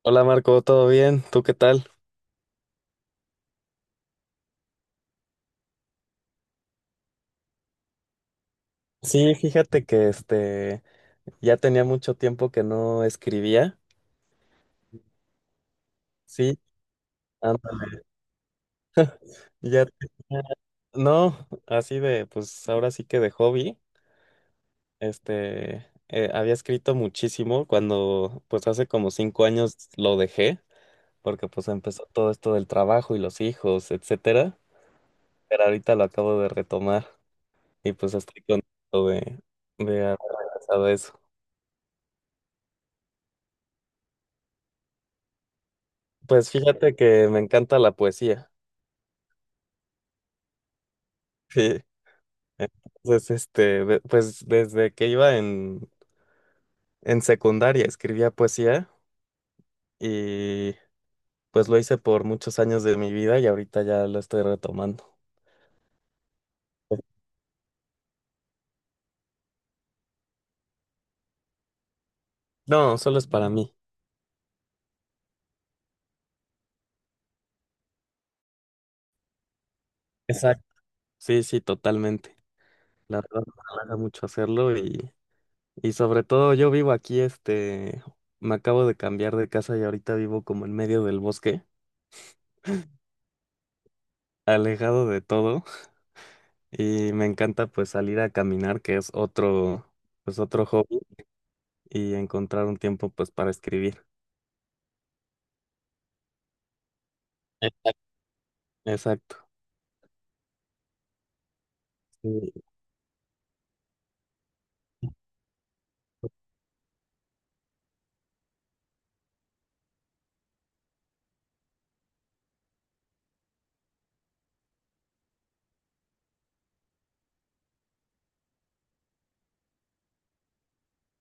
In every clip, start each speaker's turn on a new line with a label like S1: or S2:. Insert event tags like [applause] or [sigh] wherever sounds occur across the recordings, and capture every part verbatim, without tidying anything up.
S1: Hola Marco, ¿todo bien? ¿Tú qué tal? Sí, fíjate que este ya tenía mucho tiempo que no escribía. Sí, ándale. Ya tenía- no, así de, pues ahora sí que de hobby. Este eh, había escrito muchísimo cuando, pues hace como cinco años lo dejé, porque pues empezó todo esto del trabajo y los hijos, etcétera. Pero ahorita lo acabo de retomar y pues estoy contento de, de haber regresado a eso. Pues fíjate que me encanta la poesía. Sí. Entonces, este, de- pues desde que iba en, en secundaria escribía poesía y pues lo hice por muchos años de mi vida y ahorita ya lo estoy retomando. No, solo es para mí. Exacto. Sí, sí, totalmente. La verdad me relaja mucho hacerlo y, y sobre todo yo vivo aquí, este, me acabo de cambiar de casa y ahorita vivo como en medio del bosque, alejado de todo [laughs] y me encanta pues salir a caminar, que es otro, pues otro hobby y encontrar un tiempo pues para escribir. Eh, Exacto. ¿Y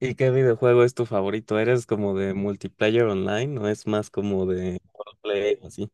S1: y qué videojuego es tu favorito? ¿Eres como de multiplayer online o es más como de play así?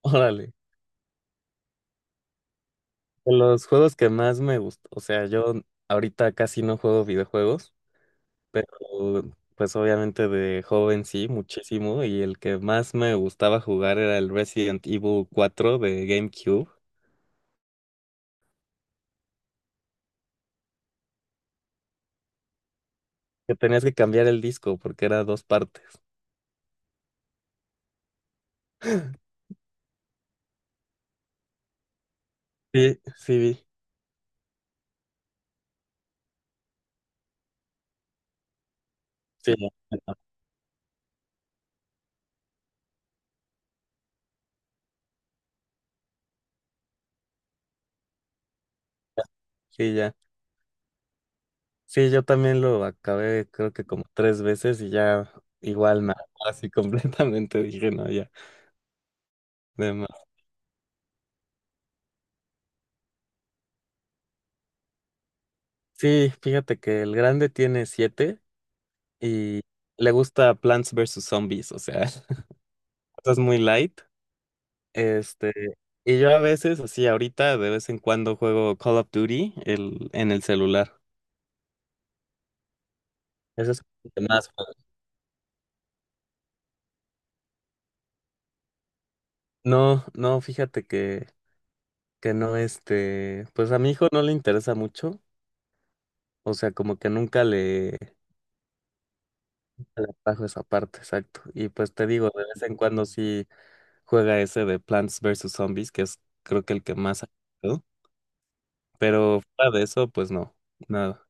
S1: [laughs] Órale. De los juegos que más me gustó, o sea, yo ahorita casi no juego videojuegos, pero pues obviamente de joven sí, muchísimo, y el que más me gustaba jugar era el Resident Evil cuatro de GameCube, que tenías que cambiar el disco porque era dos partes. Sí, sí vi. Sí, sí, ya. Sí, yo también lo acabé creo que como tres veces y ya igual me hartó así [laughs] completamente dije, no, ya, de más". Sí, fíjate que el grande tiene siete y le gusta Plants versus. Zombies, o sea, [laughs] cosas muy light. Este, y yo a veces, así ahorita, de vez en cuando juego Call of Duty el, en el celular. Eso es lo que más juego. No, no, fíjate que, que no, este, pues a mi hijo no le interesa mucho, o sea, como que nunca le... Le bajo esa parte, exacto. Y pues te digo, de vez en cuando sí juega ese de Plants vs Zombies, que es creo que el que más ha jugado. Pero fuera de eso, pues no, nada.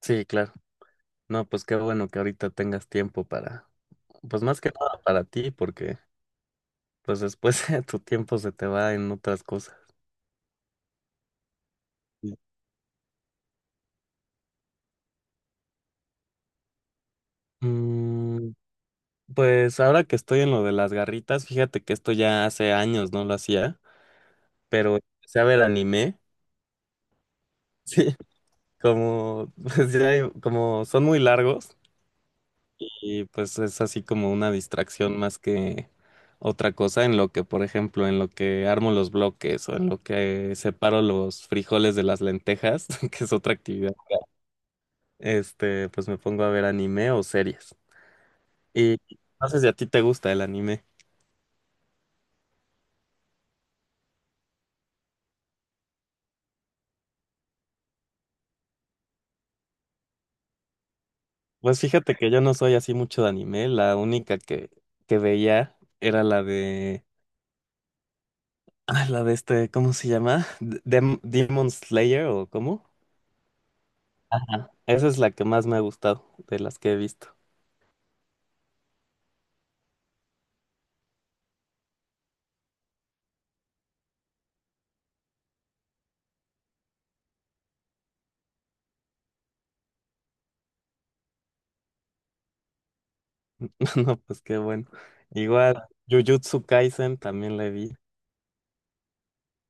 S1: Sí, claro. No, pues qué bueno que ahorita tengas tiempo para, pues más que nada para ti, porque pues después [laughs] tu tiempo se te va en otras cosas. Sí. Mm, pues ahora que estoy en lo de las garritas, fíjate que esto ya hace años no lo hacía, pero empecé a ver anime. [laughs] Sí. Como, [laughs] pues ya hay- como son muy largos y pues es así como una distracción más que otra cosa en lo que, por ejemplo, en lo que armo los bloques o en lo que separo los frijoles de las lentejas, [laughs] que es otra actividad, este, pues me pongo a ver anime o series. Y no sé si a ti te gusta el anime. Pues fíjate que yo no soy así mucho de anime, la única que, que veía era la de, ah, la de este, ¿cómo se llama? Dem- ¿Demon Slayer o cómo? Esa es la que más me ha gustado de las que he visto. [laughs] No, pues qué bueno. Igual, Jujutsu Kaisen también la vi.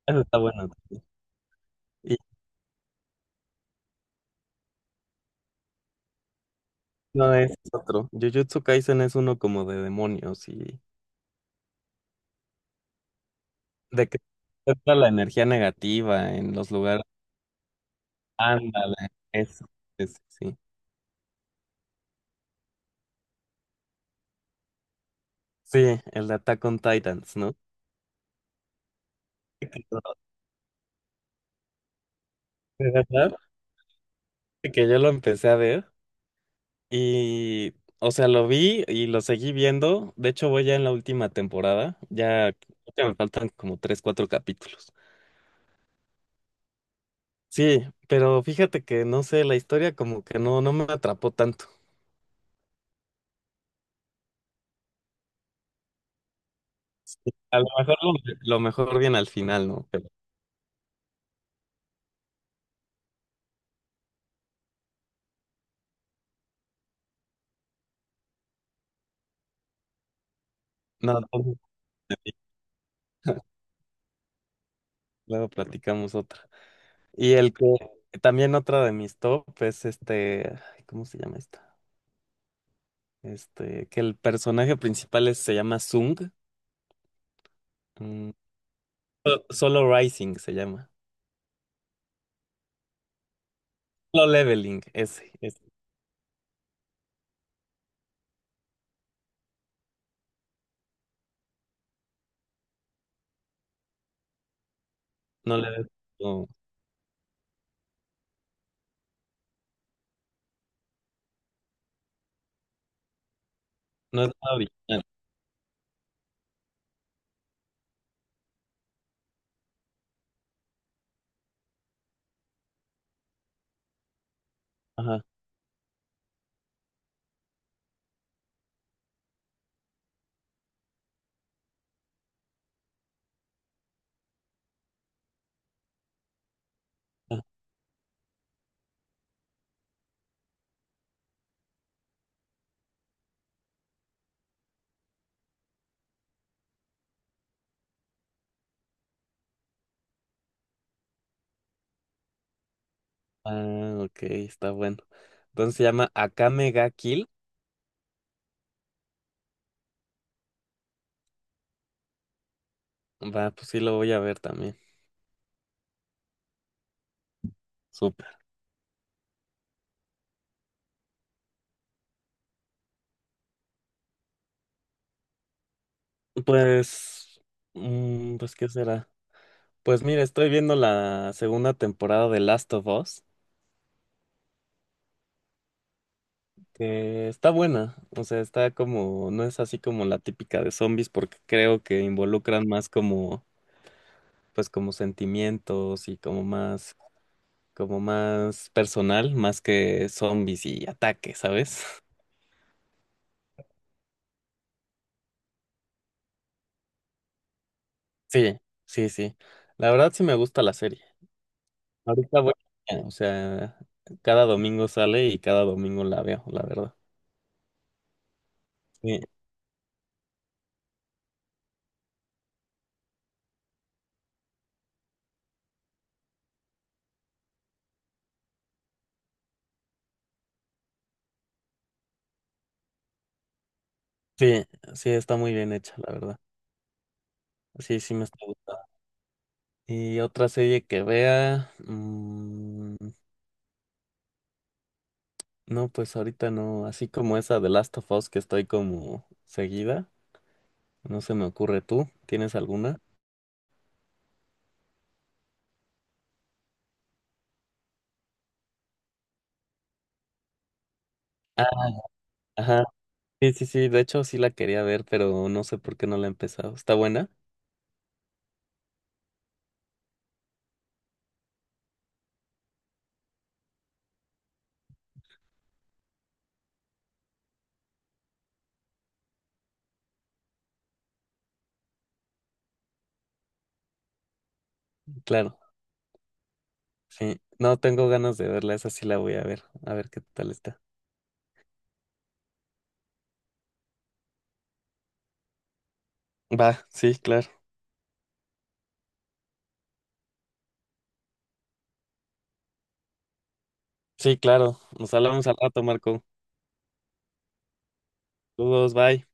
S1: Eso está bueno también. Y no, es otro. Jujutsu Kaisen es uno como de demonios y de que está la energía negativa en los lugares. Ándale, eso. Eso, sí. Sí, sí, el de Attack on Titans, ¿no? [laughs] De verdad, que yo lo empecé a ver Y, o sea, lo vi y lo seguí viendo. De hecho, voy ya en la última temporada. Ya creo me faltan como tres, cuatro capítulos. Sí, pero fíjate que no sé, la historia como que no, no me atrapó tanto. A lo mejor lo, lo mejor viene al final, ¿no? Pero no, entonces luego platicamos otra. Y el que también otra de mis top es este, ay, ¿cómo se llama esta? Este, que el personaje principal es- se llama Sung. Mm, Solo Rising se llama. Solo Leveling, ese, ese. No le ves, no, no es nada original. Ajá. Ajá. Ah, ok, está bueno. Entonces se llama Akame ga Kill. Va, pues sí lo voy a ver también. Súper. Pues, mm, pues, ¿qué será? Pues mira, estoy viendo la segunda temporada de Last of Us, que está buena. O sea, está como, no es así como la típica de zombies, porque creo que involucran más como, pues como sentimientos y como más como más personal, más que zombies y ataques, ¿sabes? [laughs] Sí, sí, sí. La verdad sí me gusta la serie. Ahorita voy, eh, o sea, cada domingo sale y cada domingo la veo, la verdad. Sí, sí, sí, está muy bien hecha, la verdad. Sí, sí me está gustando. Y otra serie que vea, mm, no, pues ahorita no, así como esa de Last of Us que estoy como seguida, no se me ocurre. Tú, ¿tienes alguna? Ah, ajá. Sí, sí, sí, de hecho sí la quería ver, pero no sé por qué no la he empezado. ¿Está buena? Claro, sí. No tengo ganas de verla, esa sí la voy a ver, a ver qué tal está. Va, sí, claro. Sí, claro. Nos hablamos al rato, Marco. Saludos, bye.